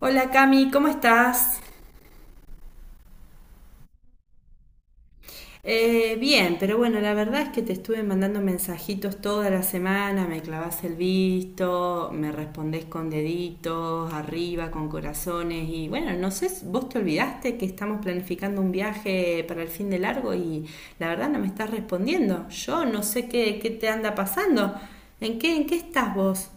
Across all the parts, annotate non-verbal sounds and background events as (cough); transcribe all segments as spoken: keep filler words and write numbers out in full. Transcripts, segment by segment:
Hola, Cami, ¿cómo estás? Eh, bien, pero bueno, la verdad es que te estuve mandando mensajitos toda la semana, me clavás el visto, me respondés con deditos, arriba, con corazones y bueno, no sé, vos te olvidaste que estamos planificando un viaje para el fin de largo y la verdad no me estás respondiendo. Yo no sé qué, qué te anda pasando. ¿En qué, en qué estás vos?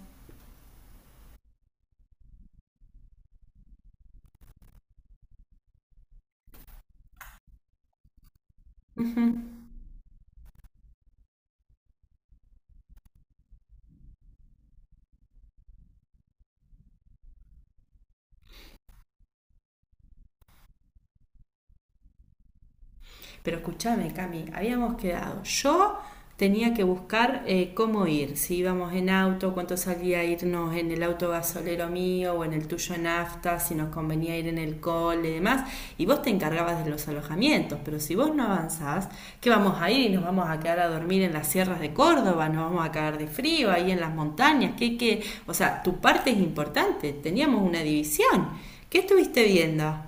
Pero escúchame, Cami, habíamos quedado. Yo tenía que buscar eh, cómo ir, si íbamos en auto, cuánto salía irnos en el auto gasolero mío o en el tuyo nafta, si nos convenía ir en el cole y demás. Y vos te encargabas de los alojamientos, pero si vos no avanzás, ¿qué vamos a ir? ¿Nos vamos a quedar a dormir en las sierras de Córdoba? ¿Nos vamos a caer de frío ahí en las montañas? ¿Qué, qué? O sea, tu parte es importante, teníamos una división. ¿Qué estuviste viendo?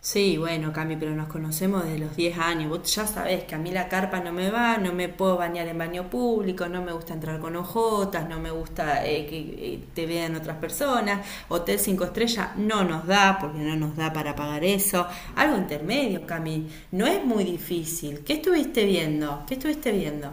Sí, bueno, Cami, pero nos conocemos desde los diez años. Vos ya sabés que a mí la carpa no me va, no me puedo bañar en baño público, no me gusta entrar con ojotas, no me gusta eh, que eh, te vean otras personas. Hotel cinco estrellas no nos da, porque no nos da para pagar eso. Algo intermedio, Cami. No es muy difícil. ¿Qué estuviste viendo? ¿Qué estuviste viendo?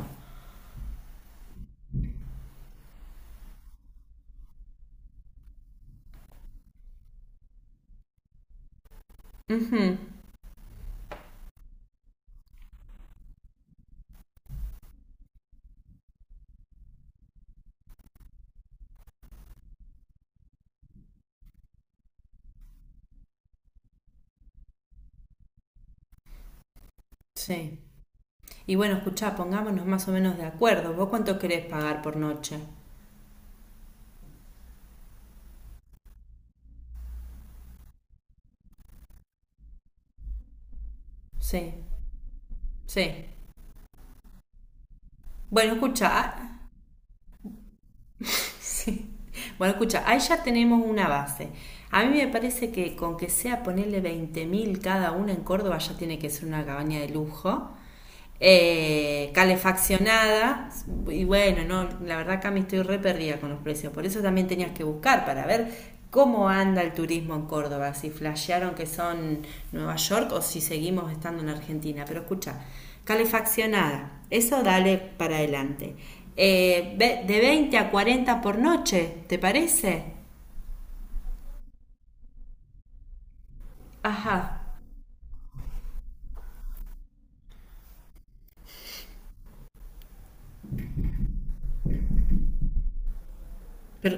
Sí. Y bueno, escuchá, pongámonos más o menos de acuerdo. ¿Vos cuánto querés pagar por noche? Sí, sí. Bueno, escucha. Sí. Bueno, escucha, ahí ya tenemos una base. A mí me parece que con que sea ponerle veinte mil cada una en Córdoba ya tiene que ser una cabaña de lujo. Eh, calefaccionada y bueno, no, la verdad acá me estoy re perdida con los precios, por eso también tenías que buscar para ver. ¿Cómo anda el turismo en Córdoba? Si flashearon que son Nueva York o si seguimos estando en Argentina. Pero escucha, calefaccionada, eso dale para adelante. Eh, de veinte a cuarenta por noche, ¿te parece? Ajá. Pero,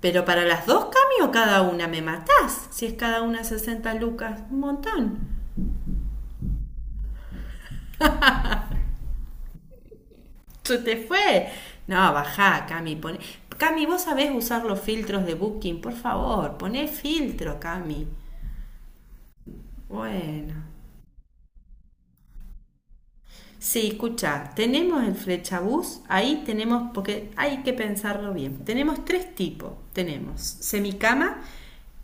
pero para las dos, Cami, o cada una, me matás. Si es cada una sesenta lucas, un montón. Se te fue. No, bajá, Cami. Pone... Cami, vos sabés usar los filtros de Booking, por favor. Poné filtro, Cami. Bueno. Sí, escucha, tenemos el flechabús, ahí tenemos, porque hay que pensarlo bien. Tenemos tres tipos. Tenemos semicama,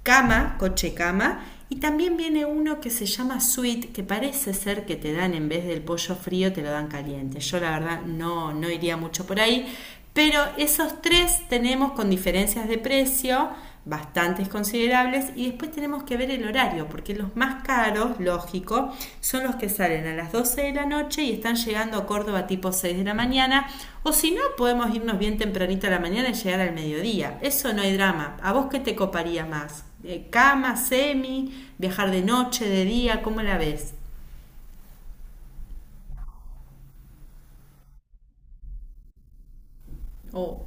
cama, coche cama, y también viene uno que se llama suite, que parece ser que te dan en vez del pollo frío, te lo dan caliente. Yo la verdad no, no iría mucho por ahí, pero esos tres tenemos con diferencias de precio bastantes considerables y después tenemos que ver el horario porque los más caros, lógico, son los que salen a las doce de la noche y están llegando a Córdoba tipo seis de la mañana o si no podemos irnos bien tempranito a la mañana y llegar al mediodía. Eso no hay drama. ¿A vos qué te coparía más? Eh, ¿Cama, semi, viajar de noche, de día? ¿Cómo la ves? O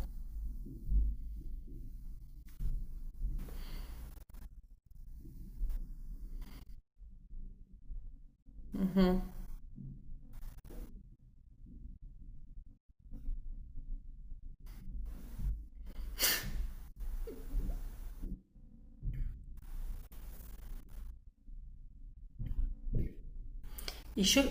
Y yo,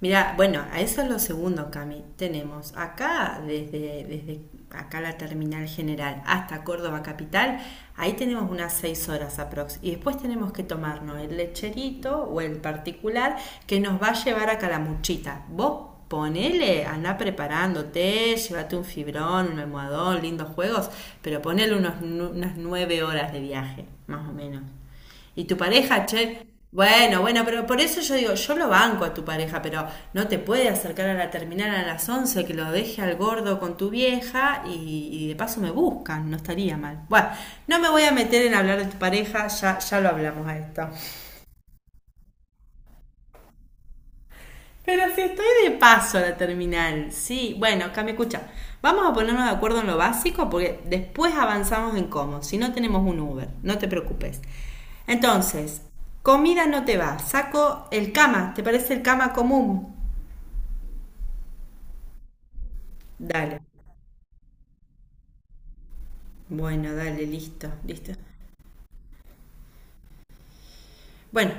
mira, bueno, a eso es lo segundo, Cami. Tenemos acá, desde, desde acá la terminal general hasta Córdoba capital, ahí tenemos unas seis horas aprox. Y después tenemos que tomarnos el lecherito o el particular que nos va a llevar a Calamuchita. Vos ponele, anda preparándote, llévate un fibrón, un almohadón, lindos juegos, pero ponele unos, nu- unas nueve horas de viaje, más o menos. Y tu pareja, che, bueno, bueno, pero por eso yo digo, yo lo banco a tu pareja, pero no te puede acercar a la terminal a las once que lo deje al gordo con tu vieja y, y de paso me buscan, no estaría mal. Bueno, no me voy a meter en hablar de tu pareja, ya, ya lo hablamos a esto. Pero si estoy de paso a la terminal, sí. Bueno, acá me escucha. Vamos a ponernos de acuerdo en lo básico porque después avanzamos en cómo. Si no tenemos un Uber, no te preocupes. Entonces, comida no te va. Saco el cama. ¿Te parece el cama común? Dale. Bueno, dale, listo, listo. Bueno,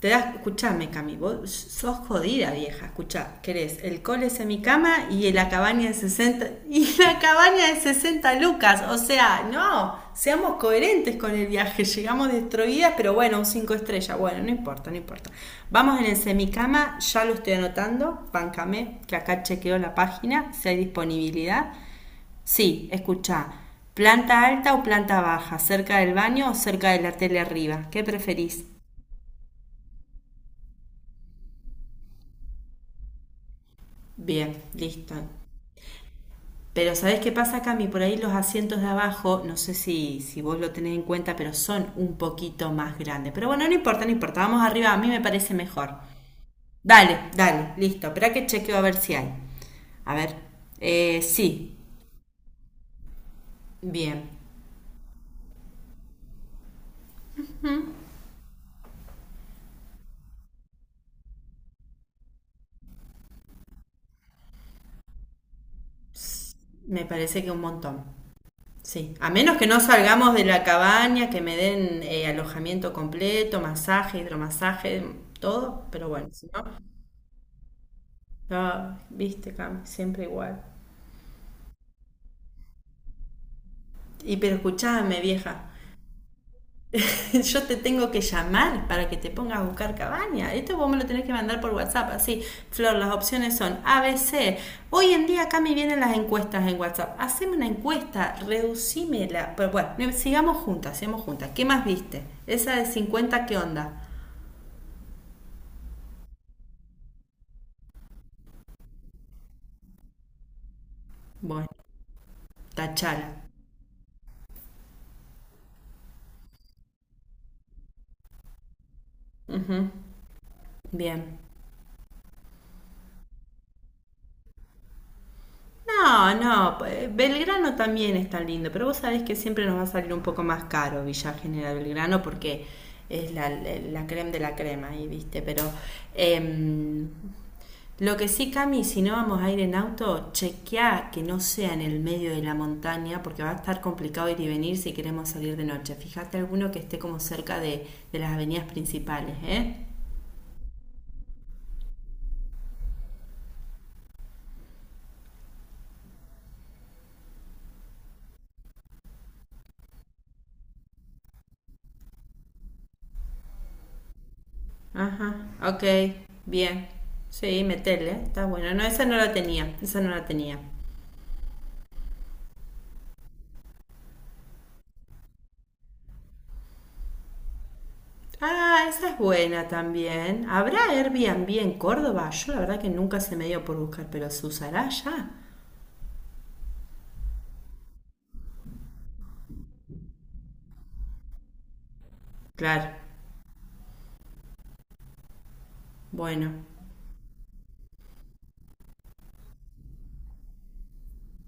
te das, escuchame, Cami, vos sos jodida, vieja. Escuchá, querés el cole es en y la cabaña de sesenta, y la cabaña de sesenta lucas. O sea, no, seamos coherentes con el viaje. Llegamos destruidas, pero bueno, un cinco estrellas. Bueno, no importa, no importa. Vamos en el semicama, ya lo estoy anotando. Bancame, que acá chequeo la página, si hay disponibilidad. Sí, escuchá. Planta alta o planta baja, cerca del baño o cerca de la tele arriba. ¿Qué preferís? Bien, listo. Pero ¿sabés qué pasa, Cami? Por ahí los asientos de abajo, no sé si, si vos lo tenés en cuenta, pero son un poquito más grandes. Pero bueno, no importa, no importa. Vamos arriba, a mí me parece mejor. Dale, dale, listo. Espera que chequeo a ver si hay. A ver. Eh, sí, bien. Me parece que un montón. Sí. A menos que no salgamos de la cabaña, que me den eh, alojamiento completo, masaje, hidromasaje, todo. Pero bueno, si no, no, viste, Cami, siempre igual. Y pero escuchame, vieja, (laughs) yo te tengo que llamar para que te pongas a buscar cabaña. Esto vos me lo tenés que mandar por WhatsApp, así. Flor, las opciones son A B C. Hoy en día acá me vienen las encuestas en WhatsApp. Haceme una encuesta, reducímela. Pero bueno, sigamos juntas, sigamos juntas. ¿Qué más viste? Esa de cincuenta, ¿qué onda? Bueno, tachala. Ujú. Bien. No, no, eh, Belgrano también está lindo, pero vos sabés que siempre nos va a salir un poco más caro Villa General Belgrano porque es la, la, la creme de la crema ahí, viste, pero em, lo que sí, Cami, si no vamos a ir en auto, chequeá que no sea en el medio de la montaña porque va a estar complicado ir y venir si queremos salir de noche. Fíjate alguno que esté como cerca de, de las avenidas principales, ¿eh? Ajá, ok, bien. Sí, metele, está bueno. No, esa no la tenía, esa no la tenía. Ah, esa es buena también. ¿Habrá Airbnb en Córdoba? Yo la verdad que nunca se me dio por buscar, pero ¿se usará ya? Claro, bueno,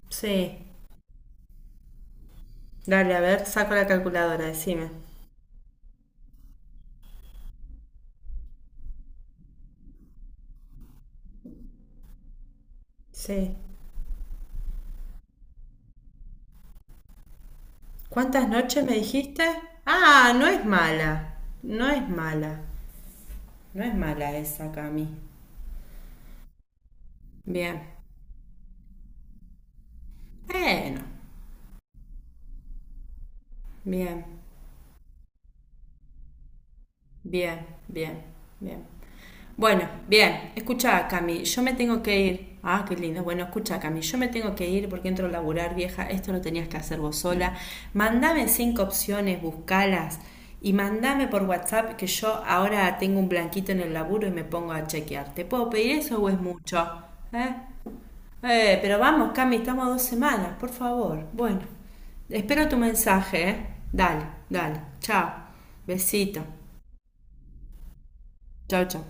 sí. Dale, a ver, saco la calculadora, decime. Sí. ¿Cuántas noches me dijiste? Ah, no es mala. No es mala. No es mala esa, Cami. Bien. Bueno, bien, bien, bien, bien. Bueno, bien, escucha, Cami, yo me tengo que ir. Ah, qué lindo. Bueno, escucha, Cami, yo me tengo que ir porque entro a laburar, vieja. Esto lo tenías que hacer vos sola. Mandame cinco opciones, buscalas y mandame por WhatsApp que yo ahora tengo un blanquito en el laburo y me pongo a chequear. ¿Te puedo pedir eso o es mucho? ¿Eh? Eh, pero vamos, Cami, estamos a dos semanas, por favor. Bueno, espero tu mensaje, ¿eh? Dale, dale. Chao. Besito. Chao, chao.